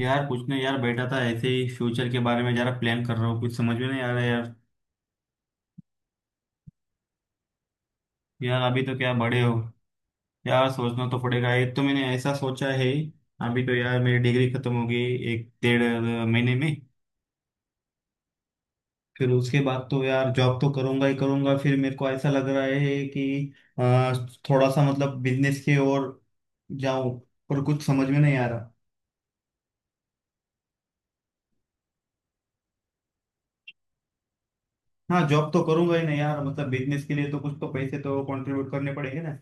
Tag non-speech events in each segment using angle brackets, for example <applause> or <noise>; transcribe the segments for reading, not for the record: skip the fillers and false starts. यार कुछ नहीं यार, बैठा था ऐसे ही। फ्यूचर के बारे में जरा प्लान कर रहा हूँ। कुछ समझ में नहीं आ रहा है यार। यार अभी तो क्या बड़े हो। यार सोचना तो पड़ेगा। एक तो मैंने ऐसा सोचा है। अभी तो यार मेरी डिग्री खत्म होगी एक डेढ़ महीने में। फिर उसके बाद तो यार जॉब तो करूंगा ही करूंगा। फिर मेरे को ऐसा लग रहा है कि अ, थोड़ा सा मतलब बिजनेस की ओर जाऊं, पर कुछ समझ में नहीं आ रहा। हाँ, जॉब तो करूंगा ही नहीं यार। मतलब बिजनेस के लिए तो कुछ तो पैसे तो कंट्रीब्यूट करने पड़ेंगे ना।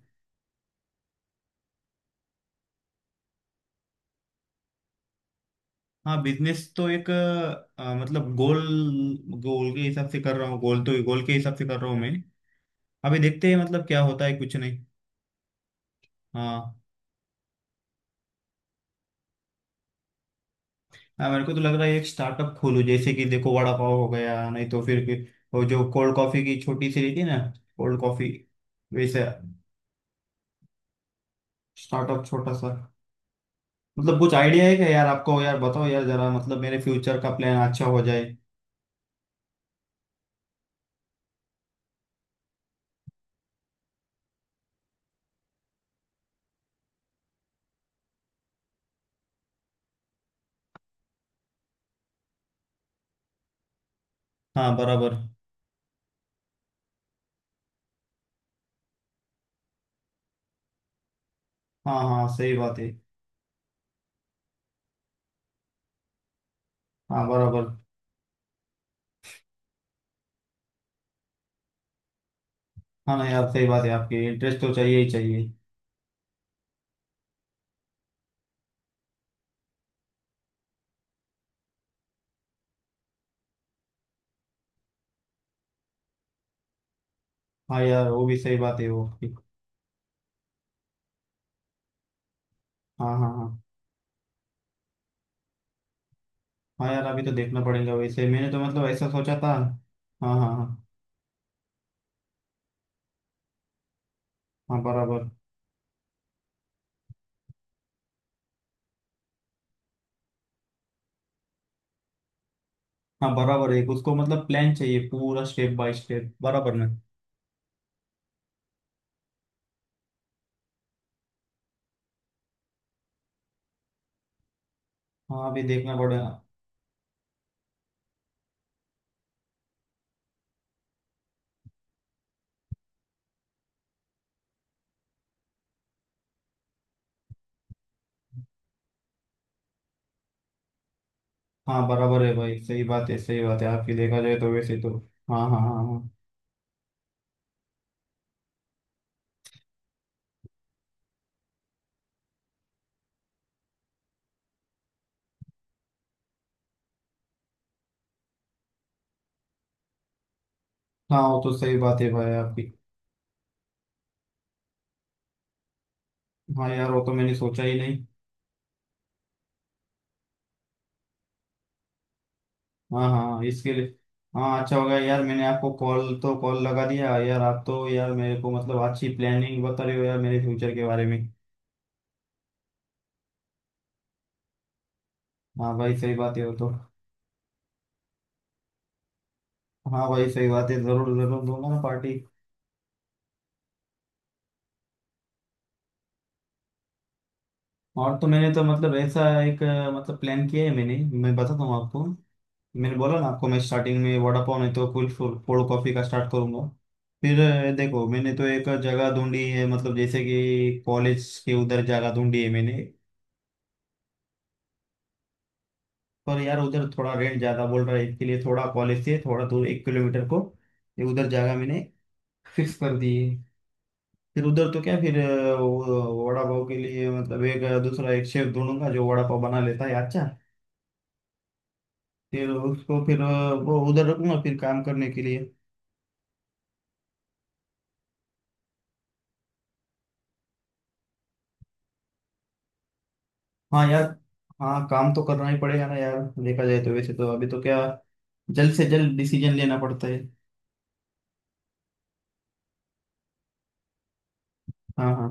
हाँ, बिजनेस तो एक मतलब गोल, गोल के हिसाब से कर रहा हूँ। गोल तो गोल के हिसाब से कर रहा हूँ मैं। अभी देखते हैं मतलब क्या होता है, कुछ नहीं। हाँ। हाँ, मेरे को तो लग रहा है एक स्टार्टअप खोलूँ। जैसे कि देखो वड़ा पाव हो गया, नहीं तो फिर वो जो कोल्ड कॉफी की छोटी सी रहती है ना, कोल्ड कॉफी वैसे, स्टार्टअप छोटा सा। मतलब कुछ आइडिया है क्या यार आपको? यार बताओ यार जरा, मतलब मेरे फ्यूचर का प्लान अच्छा हो जाए। हाँ बराबर। हाँ हाँ सही बात है। हाँ बराबर। हाँ ना यार, सही बात है आपकी। इंटरेस्ट तो चाहिए ही चाहिए। हाँ यार, वो भी सही बात है वो भी। हाँ हाँ हाँ। हाँ यार अभी तो देखना पड़ेगा, वैसे मैंने तो मतलब ऐसा सोचा था। हाँ हाँ हाँ। हाँ बराबर। हाँ बराबर है, उसको मतलब प्लान चाहिए पूरा स्टेप बाय स्टेप बराबर ना। हाँ, अभी देखना पड़ेगा। हाँ बराबर है भाई, सही बात है आपकी। देखा जाए तो वैसे तो हाँ हाँ हाँ हाँ। हाँ, वो तो सही बात है भाई आपकी। हाँ यार, वो तो मैंने सोचा ही नहीं। हाँ हाँ हाँ, इसके लिए। हाँ अच्छा होगा यार, मैंने आपको कॉल तो कॉल लगा दिया यार। आप तो यार मेरे को मतलब अच्छी प्लानिंग बता रहे हो यार मेरे फ्यूचर के बारे में। हाँ भाई सही बात है वो तो। हाँ भाई सही बात है, जरूर जरूर दूंगा ना पार्टी। और तो मैंने तो मतलब ऐसा एक मतलब प्लान किया है मैंने। मैं बताता हूँ आपको। मैंने बोला ना आपको, मैं स्टार्टिंग में वड़ा पाव नहीं तो कुल कोल्ड कॉफी का स्टार्ट करूंगा। फिर देखो मैंने तो एक जगह ढूंढी है, मतलब जैसे कि कॉलेज के उधर जगह ढूंढी है मैंने। पर यार उधर थोड़ा रेंट ज्यादा बोल रहा है, इसके लिए थोड़ा कॉलेज से थोड़ा दूर 1 किलोमीटर को ये उधर जगह मैंने फिक्स कर दी है। फिर उधर तो क्या, फिर वो वड़ा पाव के लिए मतलब एक दूसरा एक शेफ ढूंढूंगा जो वड़ा पाव बना लेता है अच्छा। फिर उसको फिर वो उधर रखूंगा फिर काम करने के लिए। हाँ यार। हाँ काम तो करना ही पड़ेगा ना यार। देखा जाए तो वैसे तो अभी तो क्या, जल्द से जल्द डिसीजन लेना पड़ता है। हाँ हाँ।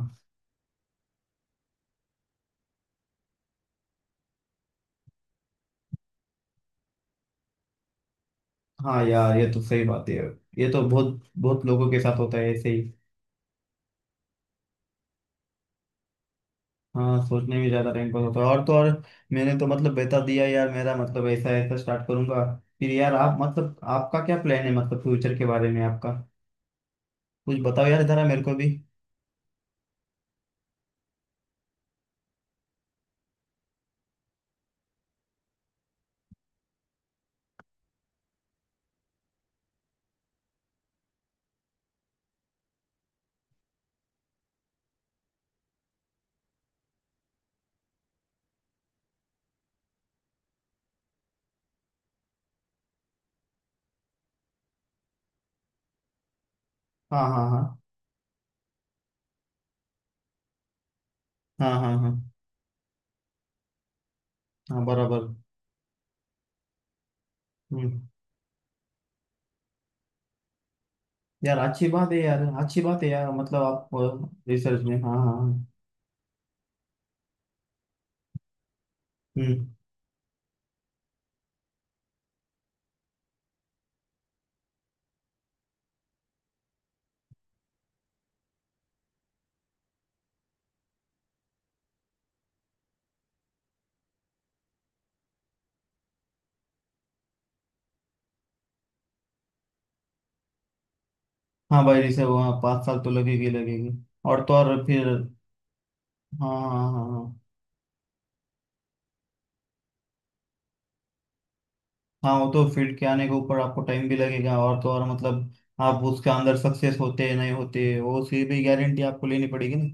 हाँ यार ये तो सही बात है। ये तो बहुत बहुत लोगों के साथ होता है ऐसे ही। हाँ, सोचने में ज्यादा टाइम पास होता है और तो और। मैंने तो मतलब बता दिया यार, मेरा मतलब ऐसा ऐसा स्टार्ट करूंगा। फिर यार आप मतलब आपका क्या प्लान है मतलब फ्यूचर के बारे में आपका? कुछ बताओ यार जरा मेरे को भी। हाँ हाँ हाँ। हाँ हाँ हाँ। हाँ बराबर। हम्म। यार अच्छी बात है यार, अच्छी बात है यार, मतलब आप रिसर्च में हाँ हाँ हाँ। हम्म। हाँ भाई रिसर्च वहाँ 5 साल तो लगेगी लगेगी। और तो और फिर हाँ हाँ हाँ हाँ। हाँ वो तो फील्ड के आने के ऊपर आपको टाइम भी लगेगा, और तो और मतलब आप उसके अंदर सक्सेस होते हैं नहीं होते वो उसकी भी गारंटी आपको लेनी पड़ेगी ना।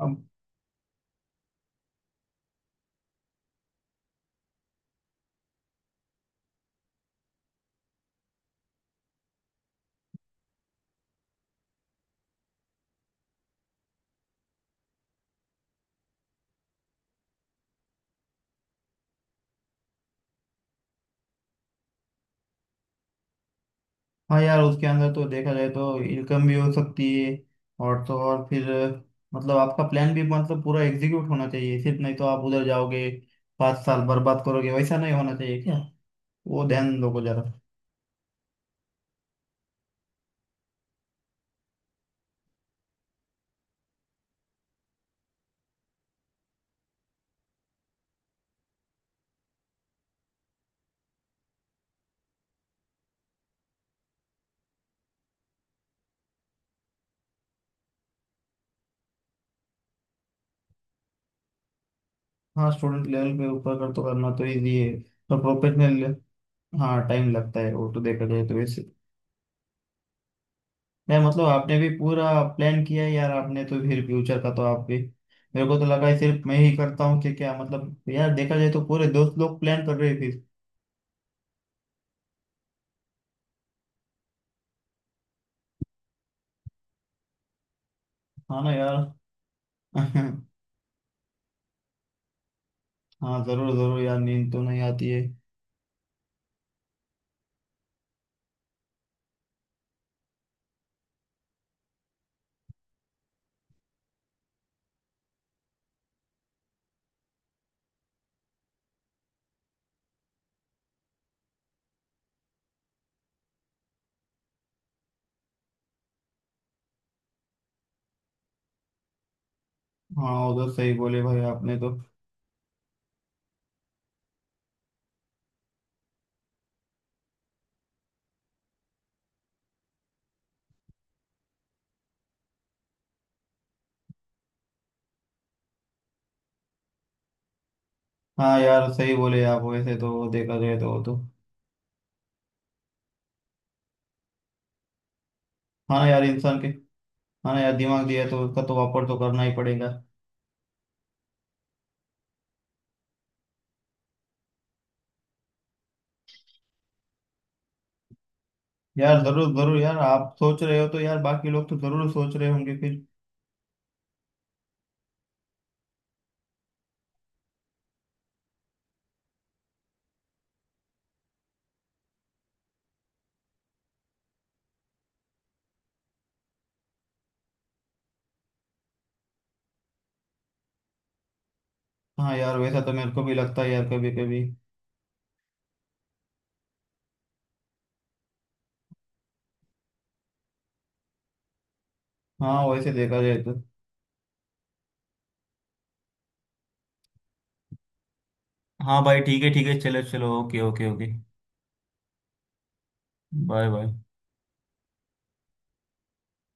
अब हाँ यार उसके अंदर तो देखा जाए तो इनकम भी हो सकती है। और तो और फिर मतलब आपका प्लान भी मतलब पूरा एग्जीक्यूट होना चाहिए सिर्फ, नहीं तो आप उधर जाओगे 5 साल बर्बाद करोगे। वैसा नहीं होना चाहिए क्या, वो ध्यान दोगे जरा। हाँ स्टूडेंट लेवल पे ऊपर कर तो करना तो ईजी है पर प्रोफेशनल हाँ टाइम लगता है वो तो देखा जाए तो वैसे। मैं मतलब आपने भी पूरा प्लान किया है यार, आपने तो फिर फ्यूचर का तो आप भी। मेरे को तो लगा है सिर्फ मैं ही करता हूँ कि क्या, मतलब यार देखा जाए तो पूरे दोस्त लोग प्लान कर रहे हैं फिर। हाँ ना यार <laughs> हाँ जरूर जरूर यार, नींद तो नहीं आती है। हाँ उधर सही बोले भाई आपने तो। हाँ यार सही बोले आप, वैसे तो देखा जाए तो वो तो हाँ ना यार इंसान के। हाँ ना यार दिमाग दिया तो उसका तो वापर तो करना ही पड़ेगा। यार जरूर जरूर यार, आप सोच रहे हो तो यार बाकी लोग तो जरूर सोच रहे होंगे फिर। हाँ यार वैसा तो मेरे को भी लगता है यार कभी कभी। हाँ वैसे देखा जाए तो हाँ भाई ठीक है ठीक है, चलो चलो okay okay okay. Bye bye.